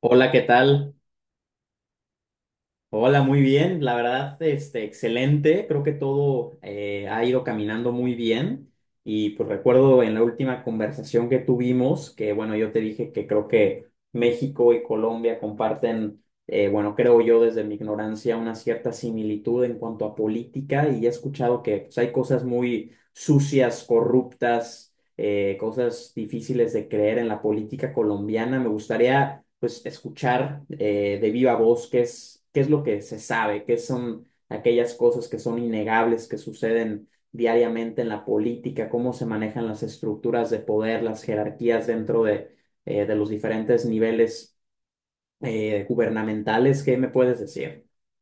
Hola, ¿qué tal? Hola, muy bien. La verdad, excelente. Creo que todo ha ido caminando muy bien. Y pues recuerdo en la última conversación que tuvimos, que bueno, yo te dije que creo que México y Colombia comparten, bueno, creo yo desde mi ignorancia, una cierta similitud en cuanto a política. Y he escuchado que pues, hay cosas muy sucias, corruptas, cosas difíciles de creer en la política colombiana. Me gustaría, pues, escuchar, de viva voz qué es lo que se sabe, qué son aquellas cosas que son innegables, que suceden diariamente en la política, cómo se manejan las estructuras de poder, las jerarquías dentro de los diferentes niveles gubernamentales. ¿Qué me puedes decir?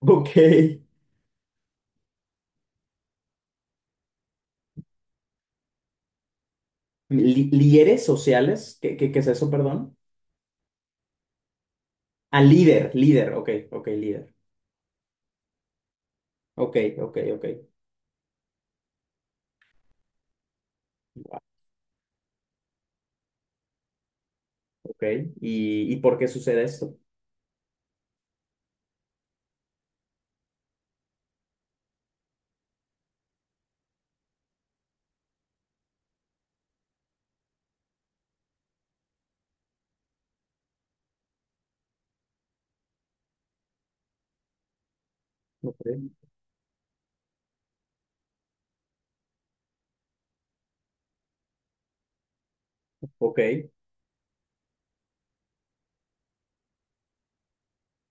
Ok. ¿Líderes sociales? ¿Qué es eso, perdón? Ah, líder, líder. Ok, ok, ok. Ok, ¿y por qué sucede esto? Ok. Ok.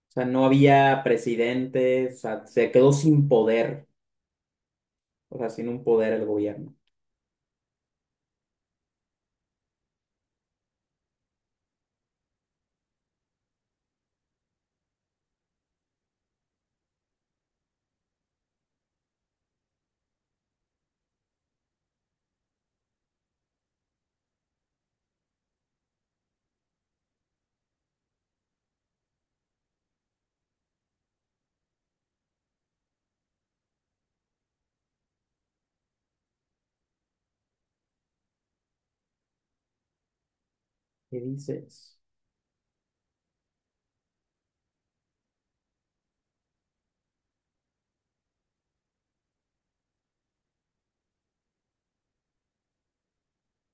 O sea, no había presidente, o sea, se quedó sin poder, o sea, sin un poder el gobierno. ¿Qué dices?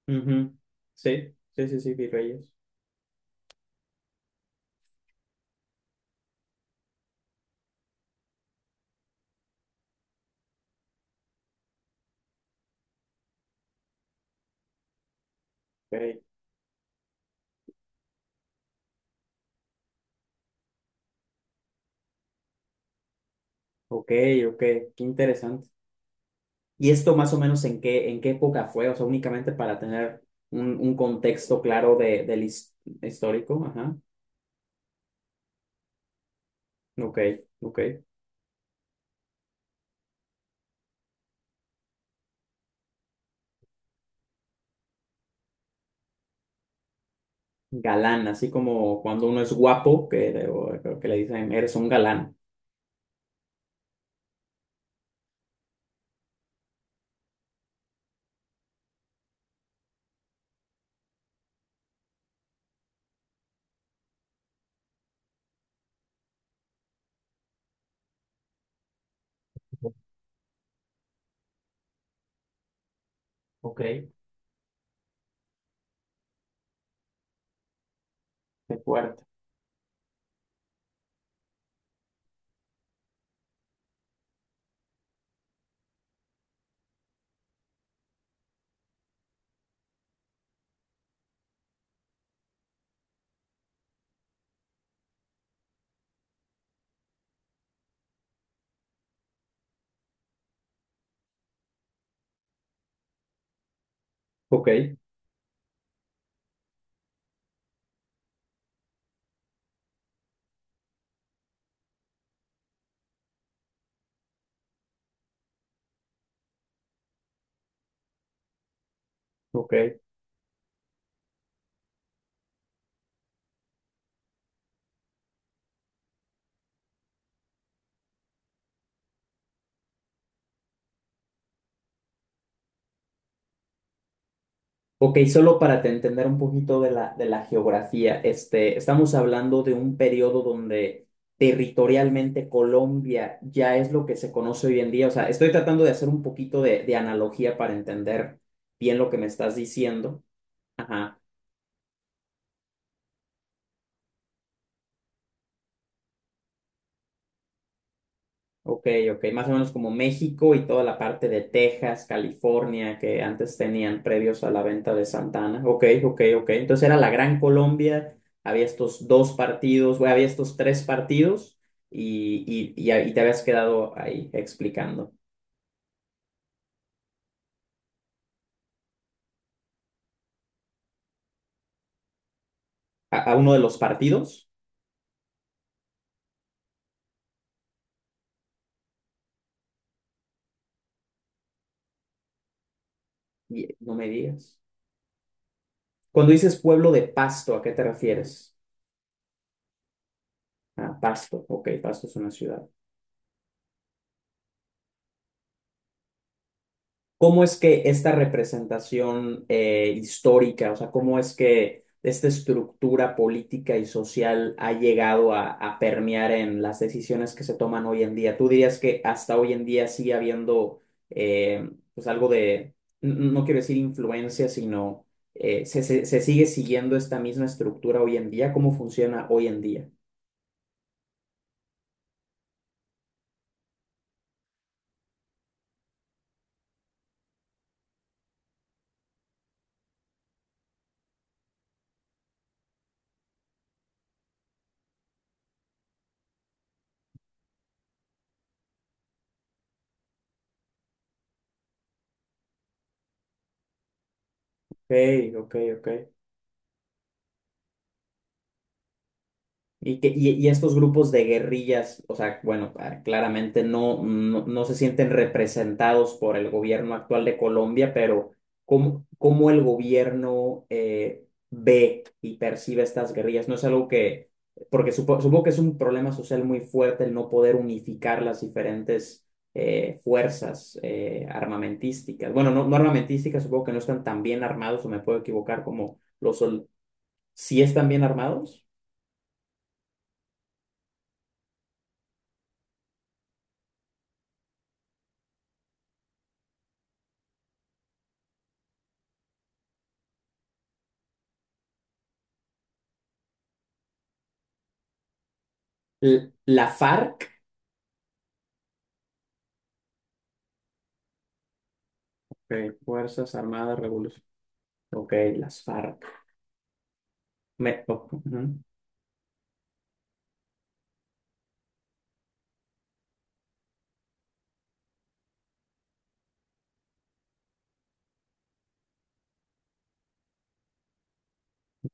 Ujú. Sí, sí, sí, sí, virreyes. Ok, ok, ok, qué interesante. ¿Y esto más o menos en qué época fue? O sea, únicamente para tener un contexto claro de, histórico. Ajá. Ok, ok. Galán, así como cuando uno es guapo, creo que le dicen, eres un galán. Ok. De cuarto. Ok, ok. Ok, solo para te entender un poquito de la geografía, este, estamos hablando de un periodo donde territorialmente Colombia ya es lo que se conoce hoy en día. O sea, estoy tratando de hacer un poquito de analogía para entender bien lo que me estás diciendo. Ajá. Ok, ok, más o menos como México y toda la parte de Texas, California, que antes tenían previos a la venta de Santana. Ok, ok, ok. Entonces era la Gran Colombia, había estos dos partidos, bueno, había estos tres partidos y ahí te habías quedado ahí explicando. A uno de los partidos, no me digas. Cuando dices pueblo de Pasto, ¿a qué te refieres? Ah, Pasto, ok, Pasto es una ciudad. ¿Cómo es que esta representación, histórica, o sea, cómo es que esta estructura política y social ha llegado a permear en las decisiones que se toman hoy en día? ¿Tú dirías que hasta hoy en día sigue habiendo, eh, pues algo de, no quiero decir influencia, sino, se sigue siguiendo esta misma estructura hoy en día? ¿Cómo funciona hoy en día? Ok, ok, ok. Y estos grupos de guerrillas, o sea, bueno, ah, claramente no se sienten representados por el gobierno actual de Colombia, pero ¿cómo el gobierno, ve y percibe estas guerrillas? No es algo que, porque supongo que es un problema social muy fuerte el no poder unificar las diferentes, fuerzas, armamentísticas. Bueno, no, no armamentísticas, supongo que no están tan bien armados, o me puedo equivocar, como los... ¿Sí están bien armados? ¿La FARC? Ok, Fuerzas Armadas Revolucionarias. Ok, las FARC. Ujú.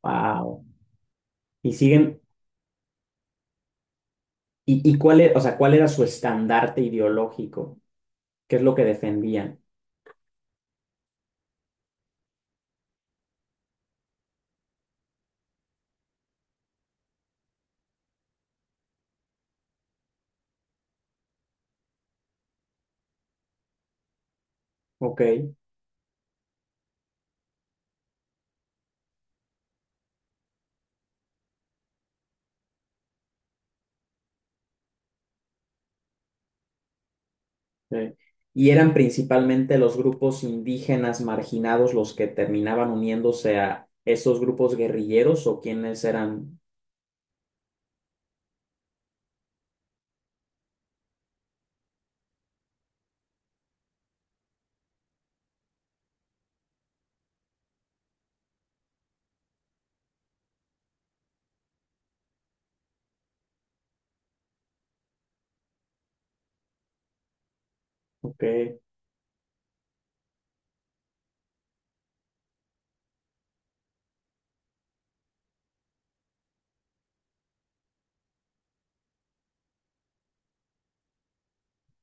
Wow. Y siguen, y cuál era, o sea, cuál era su estandarte ideológico, qué es lo que defendían. Ok. Sí. Y eran principalmente los grupos indígenas marginados los que terminaban uniéndose a esos grupos guerrilleros o quienes eran. Ok,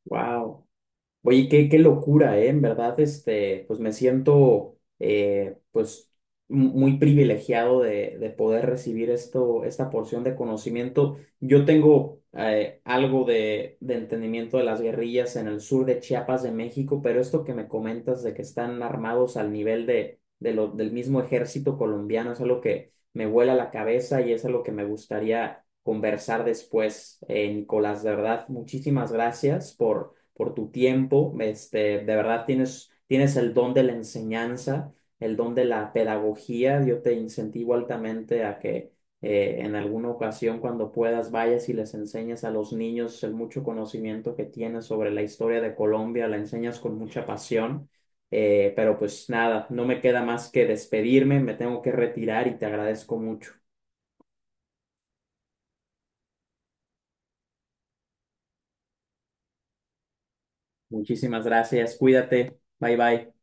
wow. Oye, qué, qué locura, ¿eh? En verdad, este, pues me siento, pues, muy privilegiado de poder recibir esto, esta porción de conocimiento. Yo tengo, algo de entendimiento de las guerrillas en el sur de Chiapas de México, pero esto que me comentas de que están armados al nivel de lo, del mismo ejército colombiano es algo que me vuela la cabeza y es algo que me gustaría conversar después, Nicolás. De verdad, muchísimas gracias por tu tiempo. Este, de verdad tienes el don de la enseñanza, el don de la pedagogía. Yo te incentivo altamente a que, en alguna ocasión, cuando puedas, vayas y les enseñes a los niños el mucho conocimiento que tienes sobre la historia de Colombia, la enseñas con mucha pasión. Pero pues nada, no me queda más que despedirme, me tengo que retirar y te agradezco mucho. Muchísimas gracias, cuídate, bye bye.